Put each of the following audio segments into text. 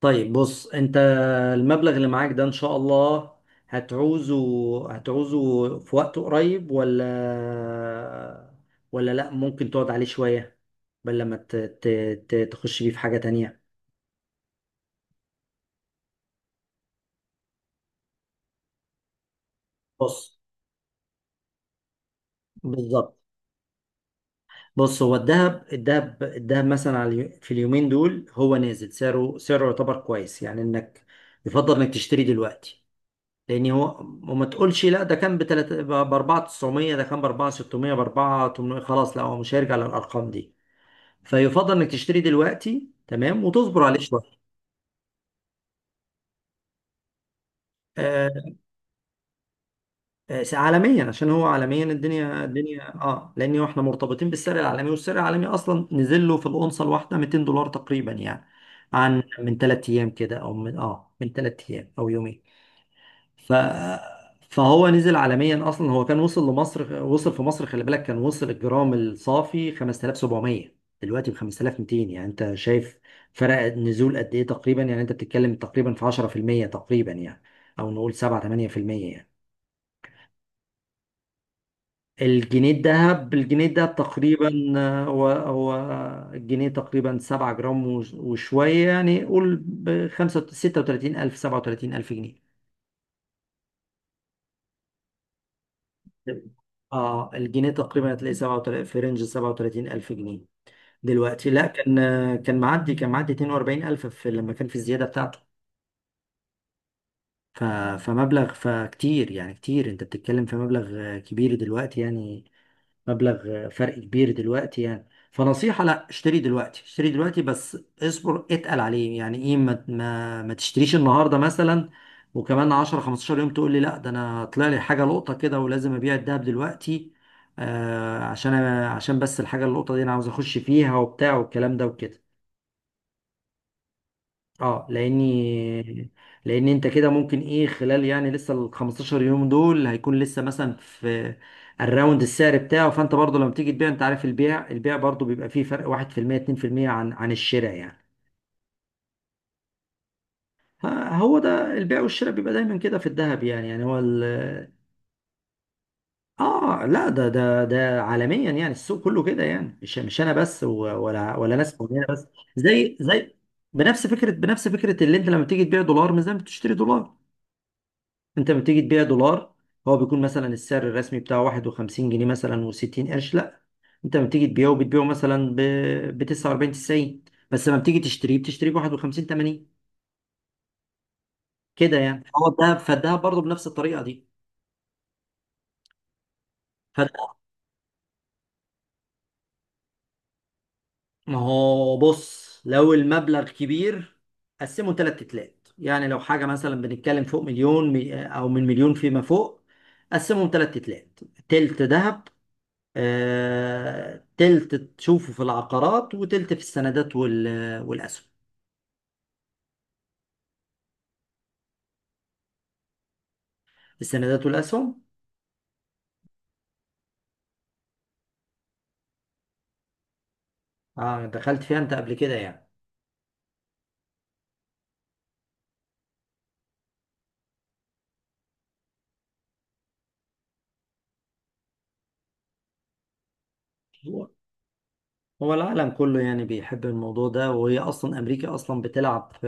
طيب، بص انت، المبلغ اللي معاك ده ان شاء الله هتعوزه في وقت قريب، ولا لا، ممكن تقعد عليه شوية، بل لما تخش بيه في حاجة تانية. بص، بالظبط. بص، هو الذهب مثلا على في اليومين دول هو نازل، سعره يعتبر كويس، يعني انك يفضل انك تشتري دلوقتي، لان هو، وما تقولش لا ده كان بتلاتة ب 4900، ده كان ب 4600، ب 4800، خلاص لا هو مش هيرجع للارقام دي، فيفضل انك تشتري دلوقتي تمام، وتصبر عليه شويه. آه، آه، عالميا، عشان هو عالميا الدنيا لان هو احنا مرتبطين بالسعر العالمي، والسعر العالمي اصلا نزل له في الاونصه الواحده $200 تقريبا، يعني عن من ثلاث ايام كده، او من من ثلاث ايام او يومين. ف فهو نزل عالميا، اصلا هو كان وصل لمصر، وصل في مصر خلي بالك، كان وصل الجرام الصافي 5700، دلوقتي ب 5200، يعني انت شايف فرق النزول قد ايه؟ تقريبا يعني انت بتتكلم تقريبا في 10% تقريبا، يعني او نقول 7 8% يعني. الجنيه الذهب تقريبا، آه، هو الجنيه تقريبا 7 جرام وشويه، يعني قول ب 35، 37,000 جنيه. اه الجنيه تقريبا هتلاقي 37، في رينج 37 الف جنيه دلوقتي، لا كان، كان معدي 42 الف، في لما كان في الزياده بتاعته. ف... فكتير يعني، كتير، انت بتتكلم في مبلغ كبير دلوقتي يعني، مبلغ فرق كبير دلوقتي يعني. فنصيحة، لا اشتري دلوقتي، اشتري دلوقتي بس اصبر، اتقل عليه يعني. ايه، ما تشتريش النهاردة مثلا، وكمان 10 15 يوم تقول لي لا ده انا طلع لي حاجة لقطة كده، ولازم ابيع الدهب دلوقتي. آه عشان عشان بس الحاجة اللقطة دي انا عاوز اخش فيها وبتاع والكلام ده وكده. اه لاني، لان انت كده ممكن ايه خلال يعني لسه ال 15 يوم دول، هيكون لسه مثلا في الراوند السعر بتاعه، فانت برضو لما تيجي تبيع، انت عارف، البيع برضو بيبقى فيه فرق 1% 2% عن الشراء يعني. فهو ده البيع والشراء بيبقى دايما كده في الذهب، يعني يعني هو ال اه لا ده ده عالميا، يعني السوق كله كده يعني، مش انا بس، ولا ناس معينه بس. زي بنفس فكره اللي انت لما تيجي تبيع دولار مش زي ما بتشتري دولار، انت لما بتيجي تبيع دولار هو بيكون مثلا السعر الرسمي بتاعه 51 جنيه مثلا و60 قرش، لا انت لما بتيجي تبيعه بتبيعه مثلا ب 49 90، بس لما بتيجي تشتريه بتشتريه ب 51 80. كده يعني هو الدهب، فالدهب برضه بنفس الطريقه دي. فالد- ما هو بص لو المبلغ كبير قسمه ثلاث تلات، يعني لو حاجه مثلا بنتكلم فوق مليون، او من مليون فيما فوق، قسمهم ثلاث تلات: تلت ذهب، آه، تلت تشوفه في العقارات، وتلت في السندات والأسهم. السندات والأسهم، آه دخلت فيها أنت قبل كده يعني؟ هو هو العالم كله يعني بيحب الموضوع ده، وهي أصلا أمريكا أصلا بتلعب في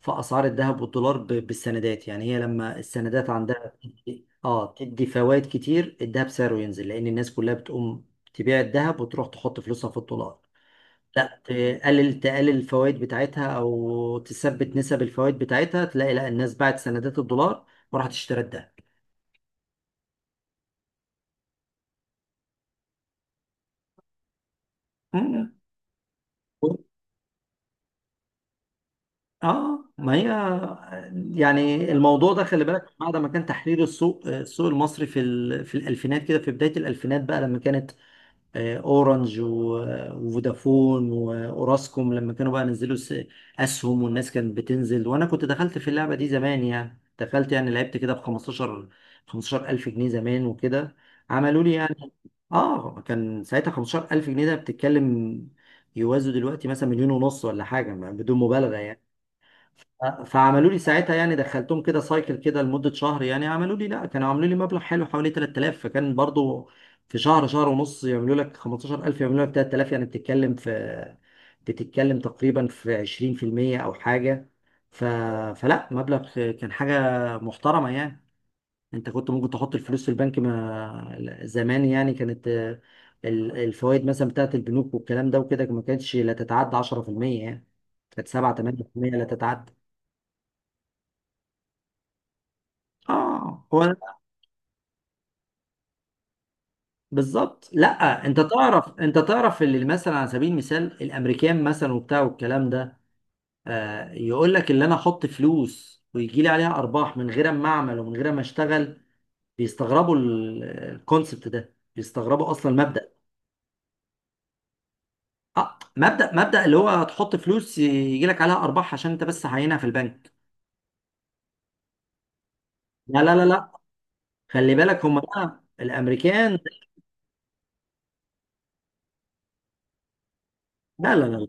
في أسعار الذهب والدولار، بالسندات، يعني هي لما السندات عندها تدي فوائد كتير، الذهب سعره ينزل، لأن الناس كلها بتقوم تبيع الذهب وتروح تحط فلوسها في الدولار. لا، تقلل الفوائد بتاعتها او تثبت نسب الفوائد بتاعتها، تلاقي لا الناس باعت سندات الدولار وراحت اشترت ده. مم. اه ما هي، يعني الموضوع ده خلي بالك بعد ما كان تحرير السوق، المصري في في الالفينات كده، في بدايه الالفينات بقى لما كانت، آه، اورنج آه، وفودافون واوراسكوم لما كانوا بقى نزلوا اسهم، والناس كانت بتنزل، وانا كنت دخلت في اللعبه دي زمان، يعني دخلت يعني لعبت كده ب 15 15,000 جنيه زمان وكده. عملوا لي يعني، اه كان ساعتها 15,000 جنيه ده، بتتكلم يوازوا دلوقتي مثلا مليون ونص ولا حاجه، بدون مبالغه يعني. فعملوا لي ساعتها، يعني دخلتهم كده سايكل كده لمدة شهر، يعني عملوا لي، لا، كانوا عملوا لي مبلغ حلو حوالي 3000، فكان برضو في شهر، شهر ونص، يعملوا لك 15,000 يعملوا لك 3000، يعني بتتكلم في، تقريبا في 20% او حاجة. ف... فلا مبلغ كان حاجة محترمة يعني. انت كنت ممكن تحط الفلوس في البنك ما زمان، يعني كانت آه، الفوائد مثلا بتاعت البنوك والكلام ده وكده ما كانتش لا تتعدى 10% يعني، كانت 7 8% لا تتعدى. اه هو ده بالظبط. لا انت تعرف، اللي مثلا على سبيل المثال الامريكان مثلا وبتاع والكلام ده، آه يقول لك اللي انا احط فلوس ويجي لي عليها ارباح من غير ما اعمل ومن غير ما اشتغل، بيستغربوا الكونسبت ده، بيستغربوا اصلا المبدأ. آه مبدأ اللي هو تحط فلوس يجي لك عليها ارباح عشان انت بس عينها في البنك. لا لا لا لا، خلي بالك هم بقى الامريكان. لا لا لا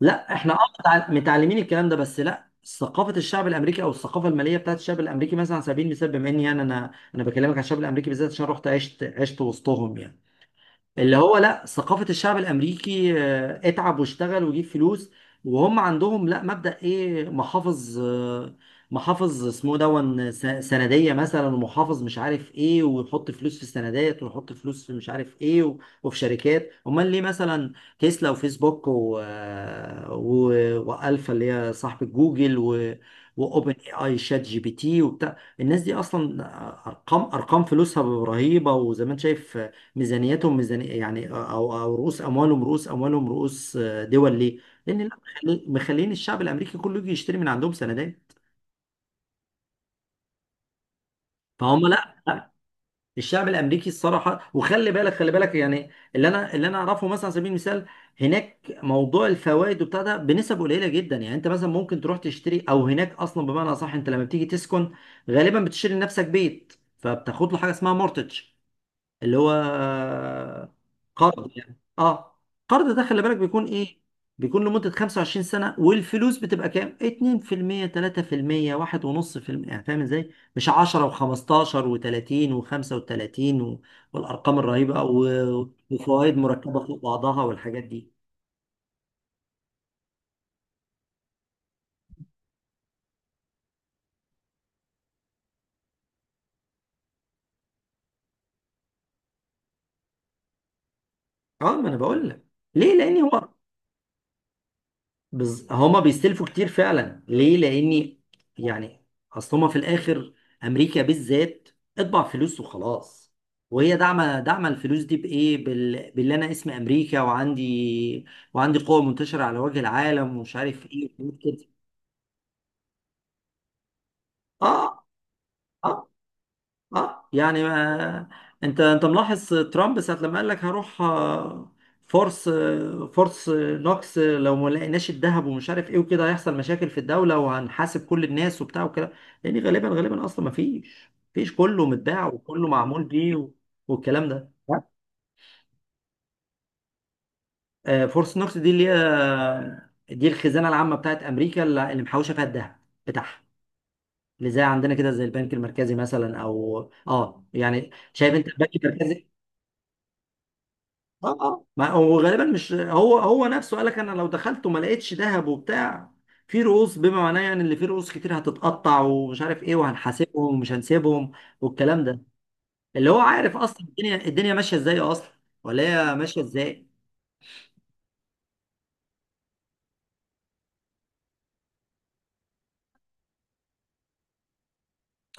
لا، احنا اه متعلمين الكلام ده بس، لا ثقافه الشعب الامريكي او الثقافه الماليه بتاعت الشعب الامريكي مثلا على سبيل المثال، بما اني يعني انا بكلمك عن الشعب الامريكي بالذات، عشان رحت عشت وسطهم، يعني اللي هو لا ثقافة الشعب الأمريكي، آه، اتعب واشتغل وجيب فلوس. وهم عندهم لا مبدأ إيه، محافظ، آه، محافظ اسمه دون سندية مثلا، ومحافظ مش عارف إيه، ويحط فلوس في السندات، ويحط فلوس في مش عارف إيه، وفي شركات. أمال ليه مثلا؟ تسلا وفيسبوك و... وألفا اللي هي صاحبة جوجل، واوبن اي اي شات جي بي تي، وبتاع. الناس دي اصلا، ارقام فلوسها رهيبه، وزي ما انت شايف ميزانياتهم، ميزانية يعني، او رؤوس اموالهم، آه، دول ليه؟ لان لا، مخلين الشعب الامريكي كله يجي يشتري من عندهم سندات، فهم لا لا، الشعب الامريكي الصراحه. وخلي بالك، خلي بالك يعني، اللي انا اعرفه مثلا على سبيل المثال، هناك موضوع الفوائد وبتاع ده بنسب قليله جدا، يعني انت مثلا ممكن تروح تشتري، او هناك اصلا بمعنى اصح، انت لما بتيجي تسكن غالبا بتشتري لنفسك بيت، فبتاخد له حاجه اسمها مورتج اللي هو قرض يعني، اه قرض ده خلي بالك بيكون ايه، بيكون لمدة 25 سنة، والفلوس بتبقى كام، 2% 3% 1.5%، يعني فاهم ازاي، مش 10 و15 و30 و35 والارقام الرهيبة، وفوائد مركبة فوق بعضها والحاجات دي. اه ما انا بقول لك ليه، لان هو، هما بيستلفوا كتير فعلا، ليه؟ لاني يعني، اصل هما في الاخر، امريكا بالذات اطبع فلوس وخلاص، وهي داعمه، الفلوس دي بايه، باللي انا اسمي امريكا، وعندي قوه منتشره على وجه العالم، ومش عارف ايه وحاجات كده. اه اه اه يعني ما، انت ملاحظ ترامب ساعة لما قال لك هروح، آه، فورس آه، فورس آه، نوكس، آه، لو ما لقيناش الذهب ومش عارف ايه وكده، هيحصل مشاكل في الدولة وهنحاسب كل الناس وبتاع وكده، لان غالبا، اصلا ما فيش، كله متباع وكله معمول بيه، والكلام ده. آه، فورس نوكس دي اللي هي دي الخزانة العامة بتاعت امريكا، اللي محوشة فيها الذهب بتاعها، اللي زي عندنا كده، زي البنك المركزي مثلا، او اه يعني شايف انت البنك المركزي. اه ما هو غالبا، مش هو نفسه قال لك انا لو دخلت وما لقيتش ذهب وبتاع، في رؤوس بما معناه، يعني اللي فيه رؤوس كتير هتتقطع، ومش عارف ايه، وهنحاسبهم ومش هنسيبهم والكلام ده، اللي هو عارف اصلا الدنيا ماشيه ازاي اصلا، ولا هي ماشيه ازاي.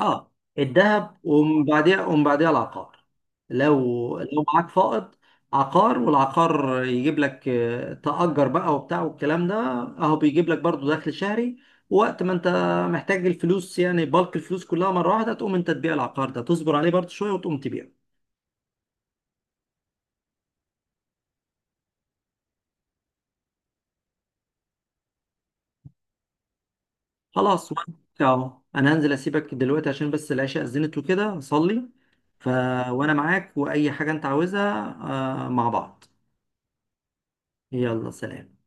اه، الذهب، ومن بعديها، العقار. لو لو معاك فائض، عقار، والعقار يجيب لك، آه، تأجر بقى وبتاع والكلام ده، اهو بيجيب لك برضو دخل شهري، وقت ما انت محتاج الفلوس، يعني بالك الفلوس كلها مرة واحدة، تقوم انت تبيع العقار ده، تصبر عليه برضو شوية وتقوم تبيعه. خلاص، اهو انا هنزل اسيبك دلوقتي عشان بس العشاء اذنت وكده، اصلي. ف... وانا معاك، واي حاجة انت عاوزها، آه، مع بعض. يلا، سلام.